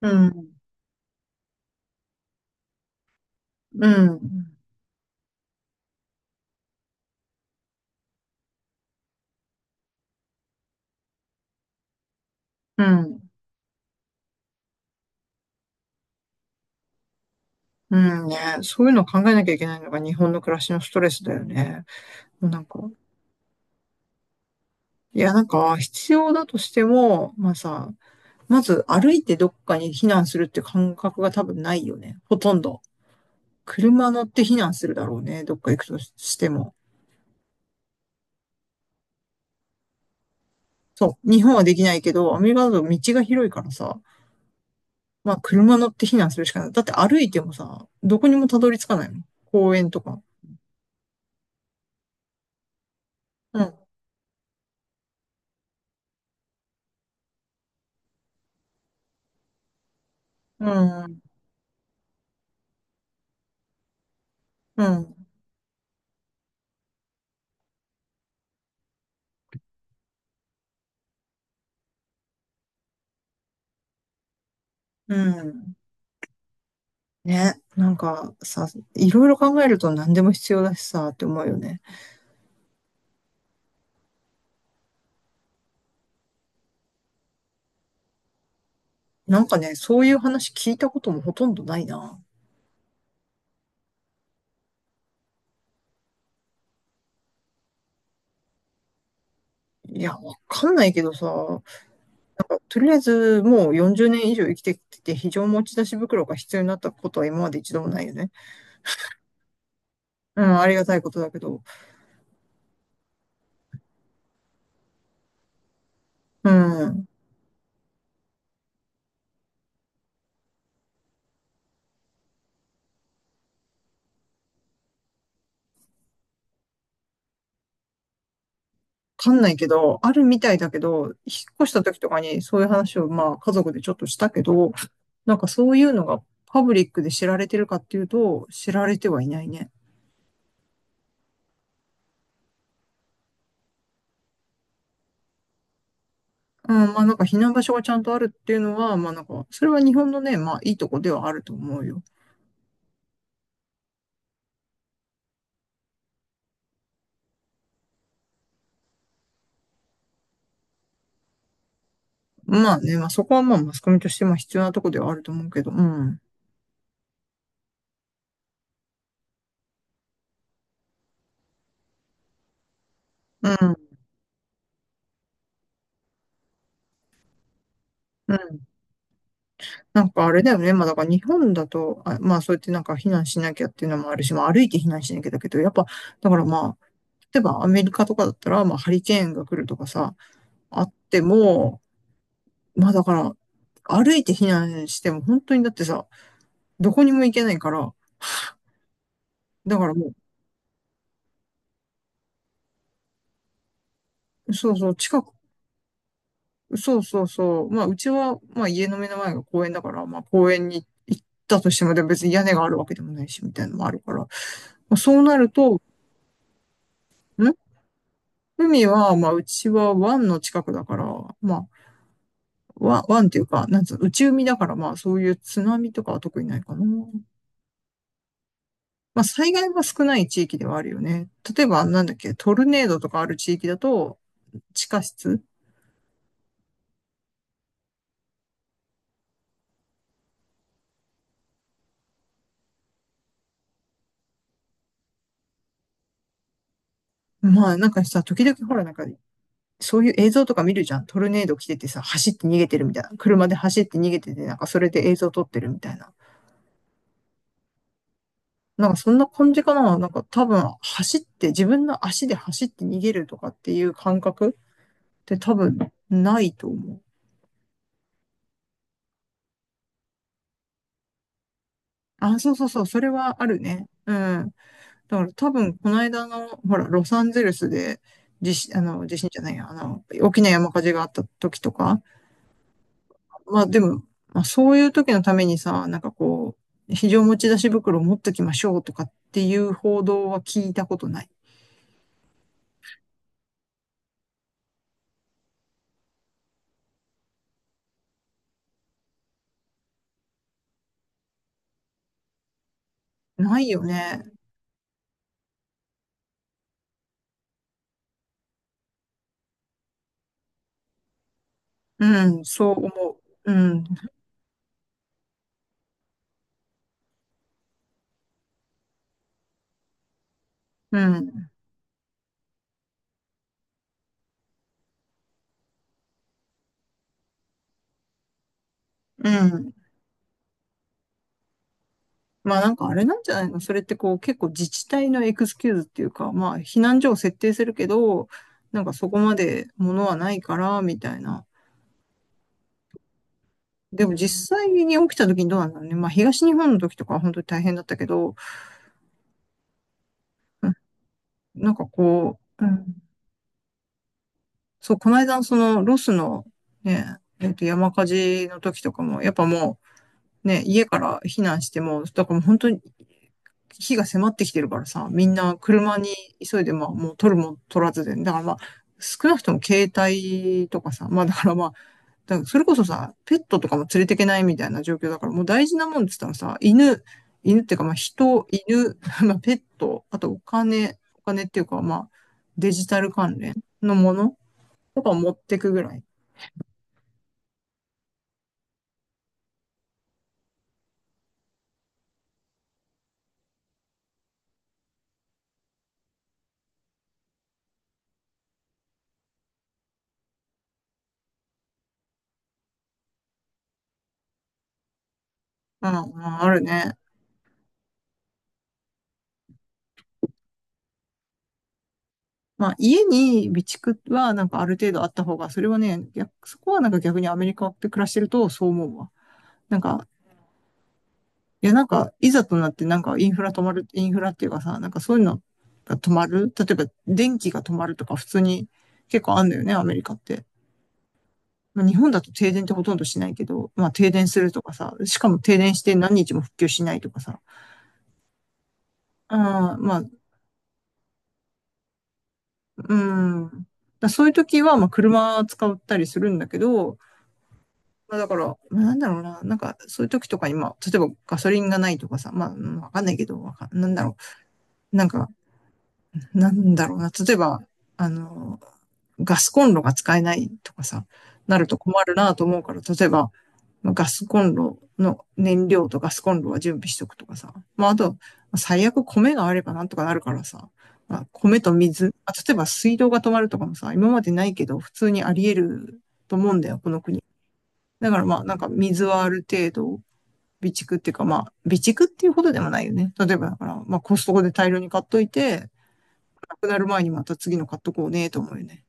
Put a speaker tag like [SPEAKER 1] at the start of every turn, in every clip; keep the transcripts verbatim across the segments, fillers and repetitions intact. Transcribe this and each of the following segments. [SPEAKER 1] うん、うん、うん、うんね。そういうのを考えなきゃいけないのが日本の暮らしのストレスだよね。もうなんか、いや、なんか、必要だとしても、まあさ、まず歩いてどっかに避難するって感覚が多分ないよね。ほとんど。車乗って避難するだろうね。どっか行くとしても。そう。日本はできないけど、アメリカだと道が広いからさ、まあ車乗って避難するしかない。だって歩いてもさ、どこにもたどり着かないもん。公園とか。うん、うん、うん、うん。ね、なんかさ、いろいろ考えると何でも必要だしさ、って思うよね。なんかね、そういう話聞いたこともほとんどないな。いや、わかんないけどさ、なんかとりあえずもうよんじゅうねん以上生きてきて非常持ち出し袋が必要になったことは今まで一度もないよね。うん、ありがたいことだけど。うん、わかんないけど、あるみたいだけど、引っ越した時とかにそういう話をまあ家族でちょっとしたけど、なんかそういうのがパブリックで知られてるかっていうと、知られてはいないね。うん、まあなんか避難場所がちゃんとあるっていうのは、まあなんか、それは日本のね、まあいいとこではあると思うよ。まあね、まあそこはまあマスコミとしても必要なとこではあると思うけど、うん。うん。うん。なんかあれだよね。まあだから日本だと、あ、まあそうやってなんか避難しなきゃっていうのもあるし、まあ歩いて避難しなきゃだけど、やっぱ、だからまあ、例えばアメリカとかだったら、まあハリケーンが来るとかさ、あっても、まあだから、歩いて避難しても本当にだってさ、どこにも行けないから、だからもう、そうそう、近くそうそうそう。まあ、うちは、まあ、家の目の前が公園だから、まあ、公園に行ったとしても、でも別に屋根があるわけでもないし、みたいなのもあるから。まあ、そうなると、ん海は、まあ、うちは湾の近くだから、まあ、わ湾っていうか、なんつうの、内海だから、まあ、そういう津波とかは特にないかな。まあ、災害は少ない地域ではあるよね。例えば、なんだっけ、トルネードとかある地域だと、地下室まあ、なんかさ、時々ほら、なんかそういう映像とか見るじゃん。トルネード来ててさ、走って逃げてるみたいな。車で走って逃げてて、なんかそれで映像撮ってるみたいな。なんかそんな感じかな。なんか多分走って、自分の足で走って逃げるとかっていう感覚って多分ないと思う。あ、そうそうそう、それはあるね。うん。だから多分この間の、ほら、ロサンゼルスで、地震、あの、地震じゃないや、あの、大きな山火事があった時とか、まあでも、まあ、そういう時のためにさ、なんかこう、非常持ち出し袋を持っときましょうとかっていう報道は聞いたことない。ないよね。うん、そう思う。うん、うん、うん。まあなんかあれなんじゃないのそれってこう結構自治体のエクスキューズっていうか、まあ避難所を設定するけど、なんかそこまで物はないからみたいな。でも実際に起きた時にどうなんだろうね。まあ東日本の時とかは本当に大変だったけど、うんなんかこう、うんそう、この間、その、ロスの、ね、えっと、山火事の時とかも、やっぱもう、ね、家から避難しても、だからもう本当に、火が迫ってきてるからさ、みんな車に急いで、まあ、もう取るも取らずで、だからまあ、少なくとも携帯とかさ、まあだからまあ、だからそれこそさ、ペットとかも連れていけないみたいな状況だから、もう大事なもんって言ったらさ、犬、犬っていうかまあ人、犬、まあペット、あとお金、お金っていうかまあ、デジタル関連のものとか持ってくぐらい。うんうん、あるね。まあ、家に備蓄はなんかある程度あった方が、それはね、逆そこはなんか逆にアメリカで暮らしてるとそう思うわ。なんか、いやなんか、いざとなってなんかインフラ止まる、インフラっていうかさ、なんかそういうのが止まる。例えば電気が止まるとか普通に結構あんだよね、アメリカって。まあ日本だと停電ってほとんどしないけど、まあ停電するとかさ、しかも停電して何日も復旧しないとかさ、あーまあうん。だそういう時は、まあ、車使ったりするんだけど、まあ、だから、まあ、なんだろうな、なんか、そういう時とかに、まあ、例えばガソリンがないとかさ、まあ、うんわかんないけど、わかんなんだろう、なんか、なんだろうな。例えば、あの、ガスコンロが使えないとかさ、なると困るなと思うから、例えば、ガスコンロの燃料とガスコンロは準備しとくとかさ。まあ、あと、最悪米があればなんとかなるからさ。まあ、米と水。まあ、例えば水道が止まるとかもさ、今までないけど、普通にあり得ると思うんだよ、この国。だからまあ、なんか水はある程度、備蓄っていうかまあ、備蓄っていうほどでもないよね。例えばだから、まあコストコで大量に買っといて、なくなる前にまた次の買っとこうね、と思うよね。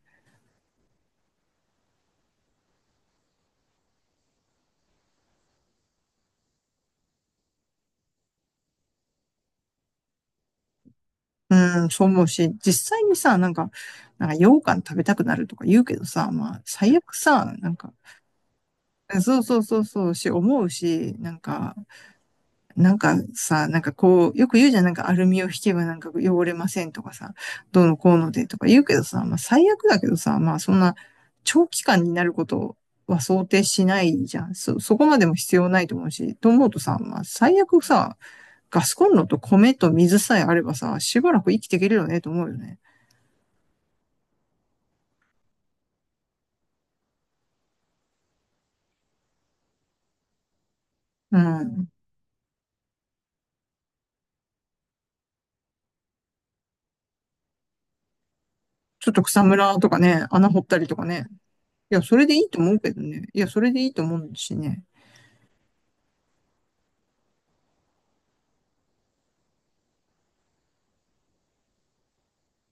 [SPEAKER 1] うん、そう思うし、実際にさ、なんか、なんか羊羹食べたくなるとか言うけどさ、まあ、最悪さ、なんか、そうそうそうそうし、思うし、なんか、なんかさ、なんかこう、よく言うじゃん、なんかアルミを引けばなんか汚れませんとかさ、どうのこうのでとか言うけどさ、まあ最悪だけどさ、まあそんな長期間になることは想定しないじゃん。そ、そこまでも必要ないと思うし、と思うとさ、まあ最悪さ、ガスコンロと米と水さえあればさ、しばらく生きていけるよねと思うよね。うん。ちょっと草むらとかね、穴掘ったりとかね。いや、それでいいと思うけどね。いや、それでいいと思うしね。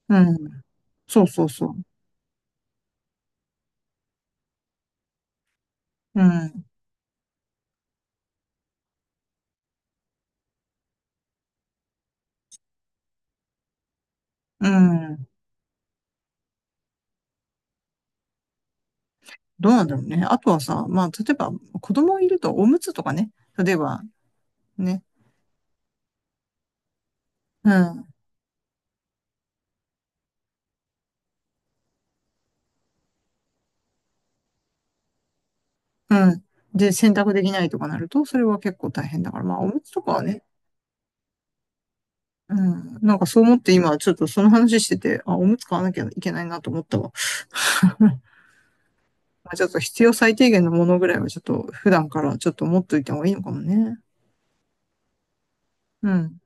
[SPEAKER 1] うん。そうそうそう。うん。うん。どうなんだろうね。あとはさ、まあ、例えば、子供いるとおむつとかね。例えば、ね。うん。うん。で、洗濯できないとかなると、それは結構大変だから、まあ、おむつとかはね。うん。なんかそう思って今、ちょっとその話してて、あ、おむつ買わなきゃいけないなと思ったわ。ちょっと必要最低限のものぐらいはちょっと普段からちょっと持っといた方がいいのかもね。うん。